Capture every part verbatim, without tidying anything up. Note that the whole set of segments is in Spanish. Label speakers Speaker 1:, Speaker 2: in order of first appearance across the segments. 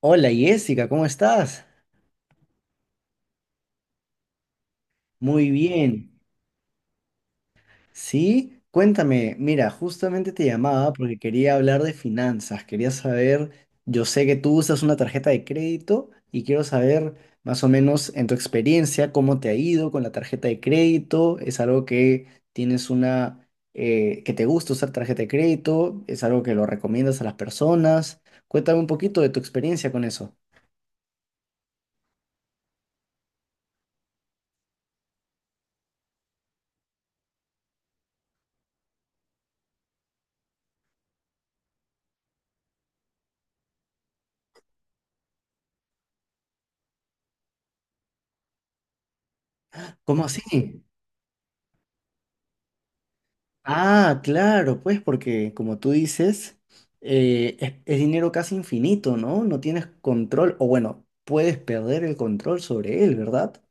Speaker 1: Hola Jessica, ¿cómo estás? Muy bien. Sí, cuéntame, mira, justamente te llamaba porque quería hablar de finanzas, quería saber, yo sé que tú usas una tarjeta de crédito y quiero saber más o menos en tu experiencia cómo te ha ido con la tarjeta de crédito, es algo que tienes una, eh, que te gusta usar tarjeta de crédito, es algo que lo recomiendas a las personas. Cuéntame un poquito de tu experiencia con eso. ¿Cómo así? Ah, claro, pues porque como tú dices, eh, es, es dinero casi infinito, ¿no? No tienes control, o bueno, puedes perder el control sobre él, ¿verdad?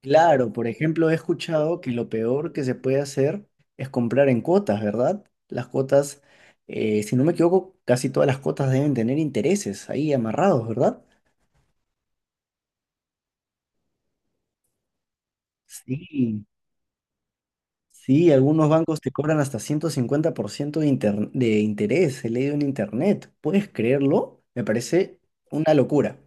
Speaker 1: Claro, por ejemplo, he escuchado que lo peor que se puede hacer es comprar en cuotas, ¿verdad? Las cuotas, eh, si no me equivoco, casi todas las cuotas deben tener intereses ahí amarrados, ¿verdad? Sí, Sí, algunos bancos te cobran hasta ciento cincuenta por ciento de, inter- de interés, he leído en internet. ¿Puedes creerlo? Me parece una locura.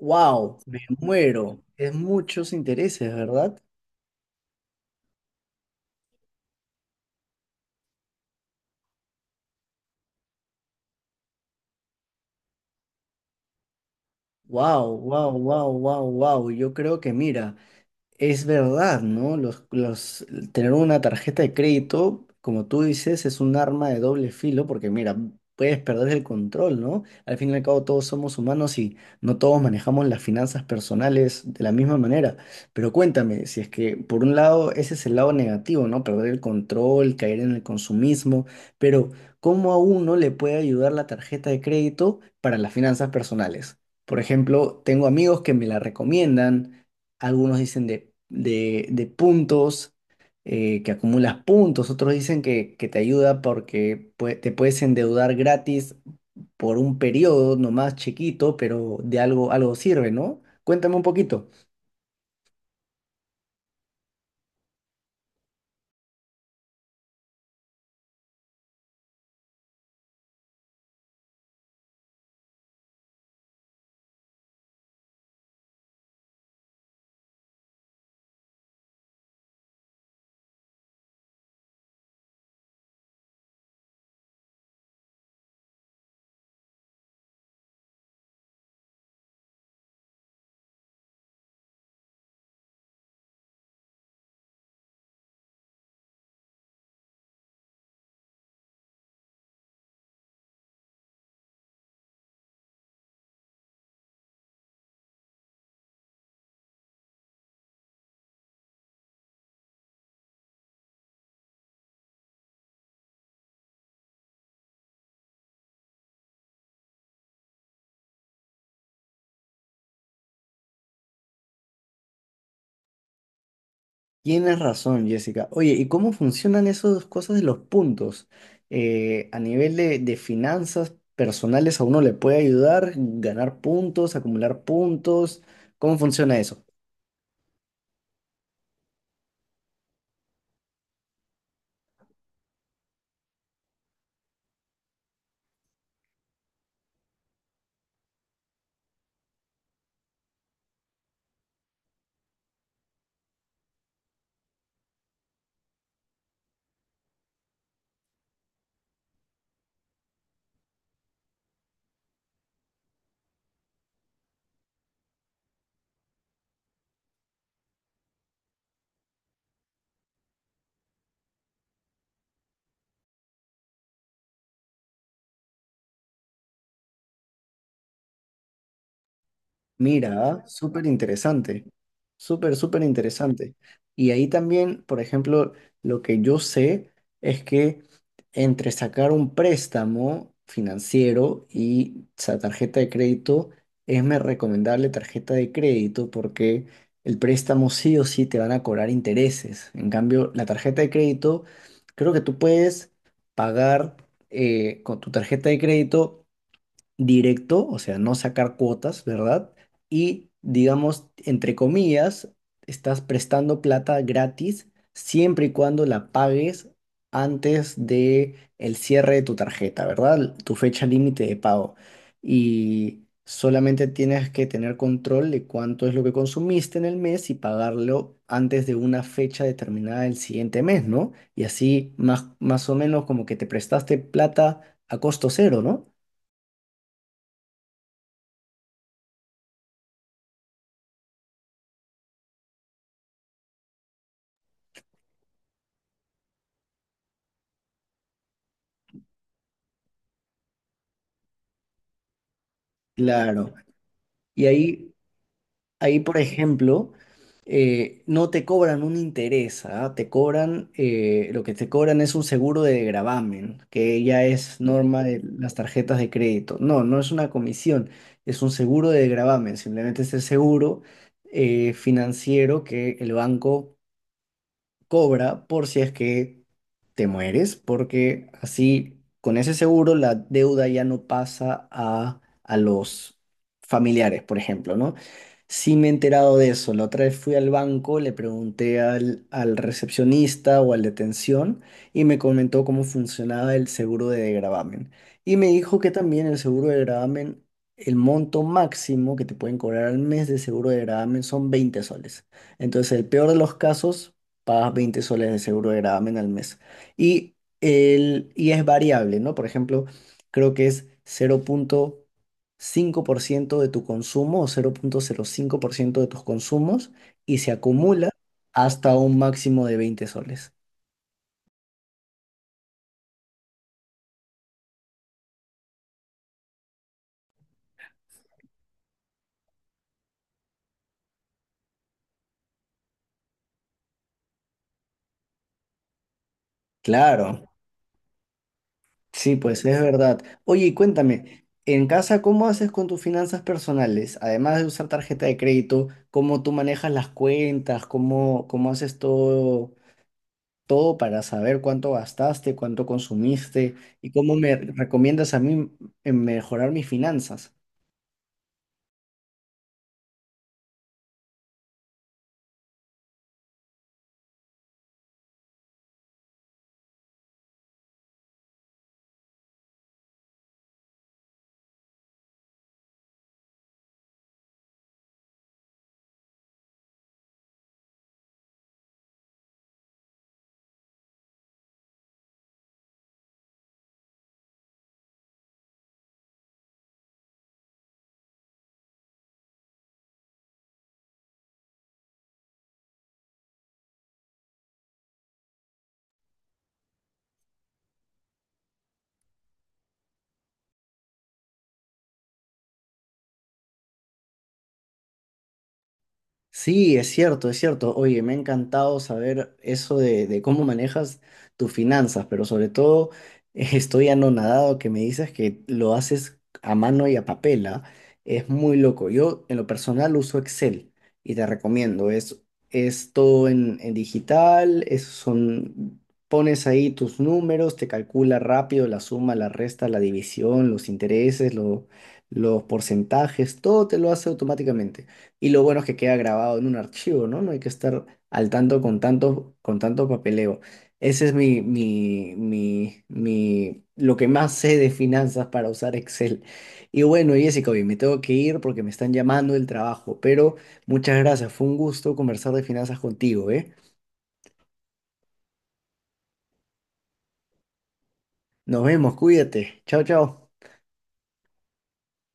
Speaker 1: ¡Wow! Me muero. Es muchos intereses, ¿verdad? ¡Wow, wow, wow, wow, wow! Yo creo que mira. Es verdad, ¿no? Los, los, tener una tarjeta de crédito, como tú dices, es un arma de doble filo porque, mira, puedes perder el control, ¿no? Al fin y al cabo, todos somos humanos y no todos manejamos las finanzas personales de la misma manera. Pero cuéntame, si es que, por un lado, ese es el lado negativo, ¿no? Perder el control, caer en el consumismo, pero ¿cómo a uno le puede ayudar la tarjeta de crédito para las finanzas personales? Por ejemplo, tengo amigos que me la recomiendan, algunos dicen de, de, de puntos, eh, que acumulas puntos, otros dicen que, que te ayuda porque pue- te puedes endeudar gratis por un periodo nomás chiquito, pero de algo, algo sirve, ¿no? Cuéntame un poquito. Tienes razón, Jessica. Oye, ¿y cómo funcionan esas cosas de los puntos? Eh, a nivel de, de finanzas personales, ¿a uno le puede ayudar ganar puntos, acumular puntos? ¿Cómo funciona eso? Mira, súper interesante, súper, súper interesante. Y ahí también, por ejemplo, lo que yo sé es que entre sacar un préstamo financiero y esa tarjeta de crédito, es más recomendable tarjeta de crédito porque el préstamo sí o sí te van a cobrar intereses. En cambio, la tarjeta de crédito, creo que tú puedes pagar eh, con tu tarjeta de crédito directo, o sea, no sacar cuotas, ¿verdad? Y digamos, entre comillas, estás prestando plata gratis siempre y cuando la pagues antes de el cierre de tu tarjeta, ¿verdad? Tu fecha límite de pago. Y solamente tienes que tener control de cuánto es lo que consumiste en el mes y pagarlo antes de una fecha determinada del siguiente mes, ¿no? Y así más, más o menos como que te prestaste plata a costo cero, ¿no? Claro. Y ahí, ahí por ejemplo, eh, no te cobran un interés, ¿ah? Te cobran, eh, lo que te cobran es un seguro de gravamen, que ya es norma de las tarjetas de crédito. No, no es una comisión, es un seguro de gravamen, simplemente es el seguro eh, financiero que el banco cobra por si es que te mueres, porque así con ese seguro la deuda ya no pasa a, a los familiares, por ejemplo, ¿no? Sí me he enterado de eso. La otra vez fui al banco, le pregunté al, al recepcionista o al de atención y me comentó cómo funcionaba el seguro de gravamen. Y me dijo que también el seguro de gravamen, el monto máximo que te pueden cobrar al mes de seguro de gravamen son veinte soles. Entonces, el peor de los casos pagas veinte soles de seguro de gravamen al mes. Y, el, y es variable, ¿no? Por ejemplo, creo que es cero punto cinco por ciento de tu consumo o cero cero punto cero cinco por ciento de tus consumos y se acumula hasta un máximo de veinte soles. Claro, sí, pues es verdad. Oye, y cuéntame, en casa, ¿cómo haces con tus finanzas personales? Además de usar tarjeta de crédito, ¿cómo tú manejas las cuentas? ¿Cómo, cómo haces todo? Todo para saber cuánto gastaste, cuánto consumiste y cómo me recomiendas a mí en mejorar mis finanzas. Sí, es cierto, es cierto. Oye, me ha encantado saber eso de, de cómo manejas tus finanzas, pero sobre todo eh, estoy anonadado que me dices que lo haces a mano y a papel, ¿ah? Es muy loco. Yo en lo personal uso Excel y te recomiendo. Es, es todo en, en digital, es- son, pones ahí tus números, te calcula rápido la suma, la resta, la división, los intereses, lo- los porcentajes, todo te lo hace automáticamente. Y lo bueno es que queda grabado en un archivo, ¿no? No hay que estar al tanto con tanto, con tanto papeleo. Ese es mi, mi, mi, mi, lo que más sé de finanzas para usar Excel. Y bueno, Jessica, hoy me tengo que ir porque me están llamando del trabajo, pero muchas gracias. Fue un gusto conversar de finanzas contigo, ¿eh? Nos vemos, cuídate. Chao, chao.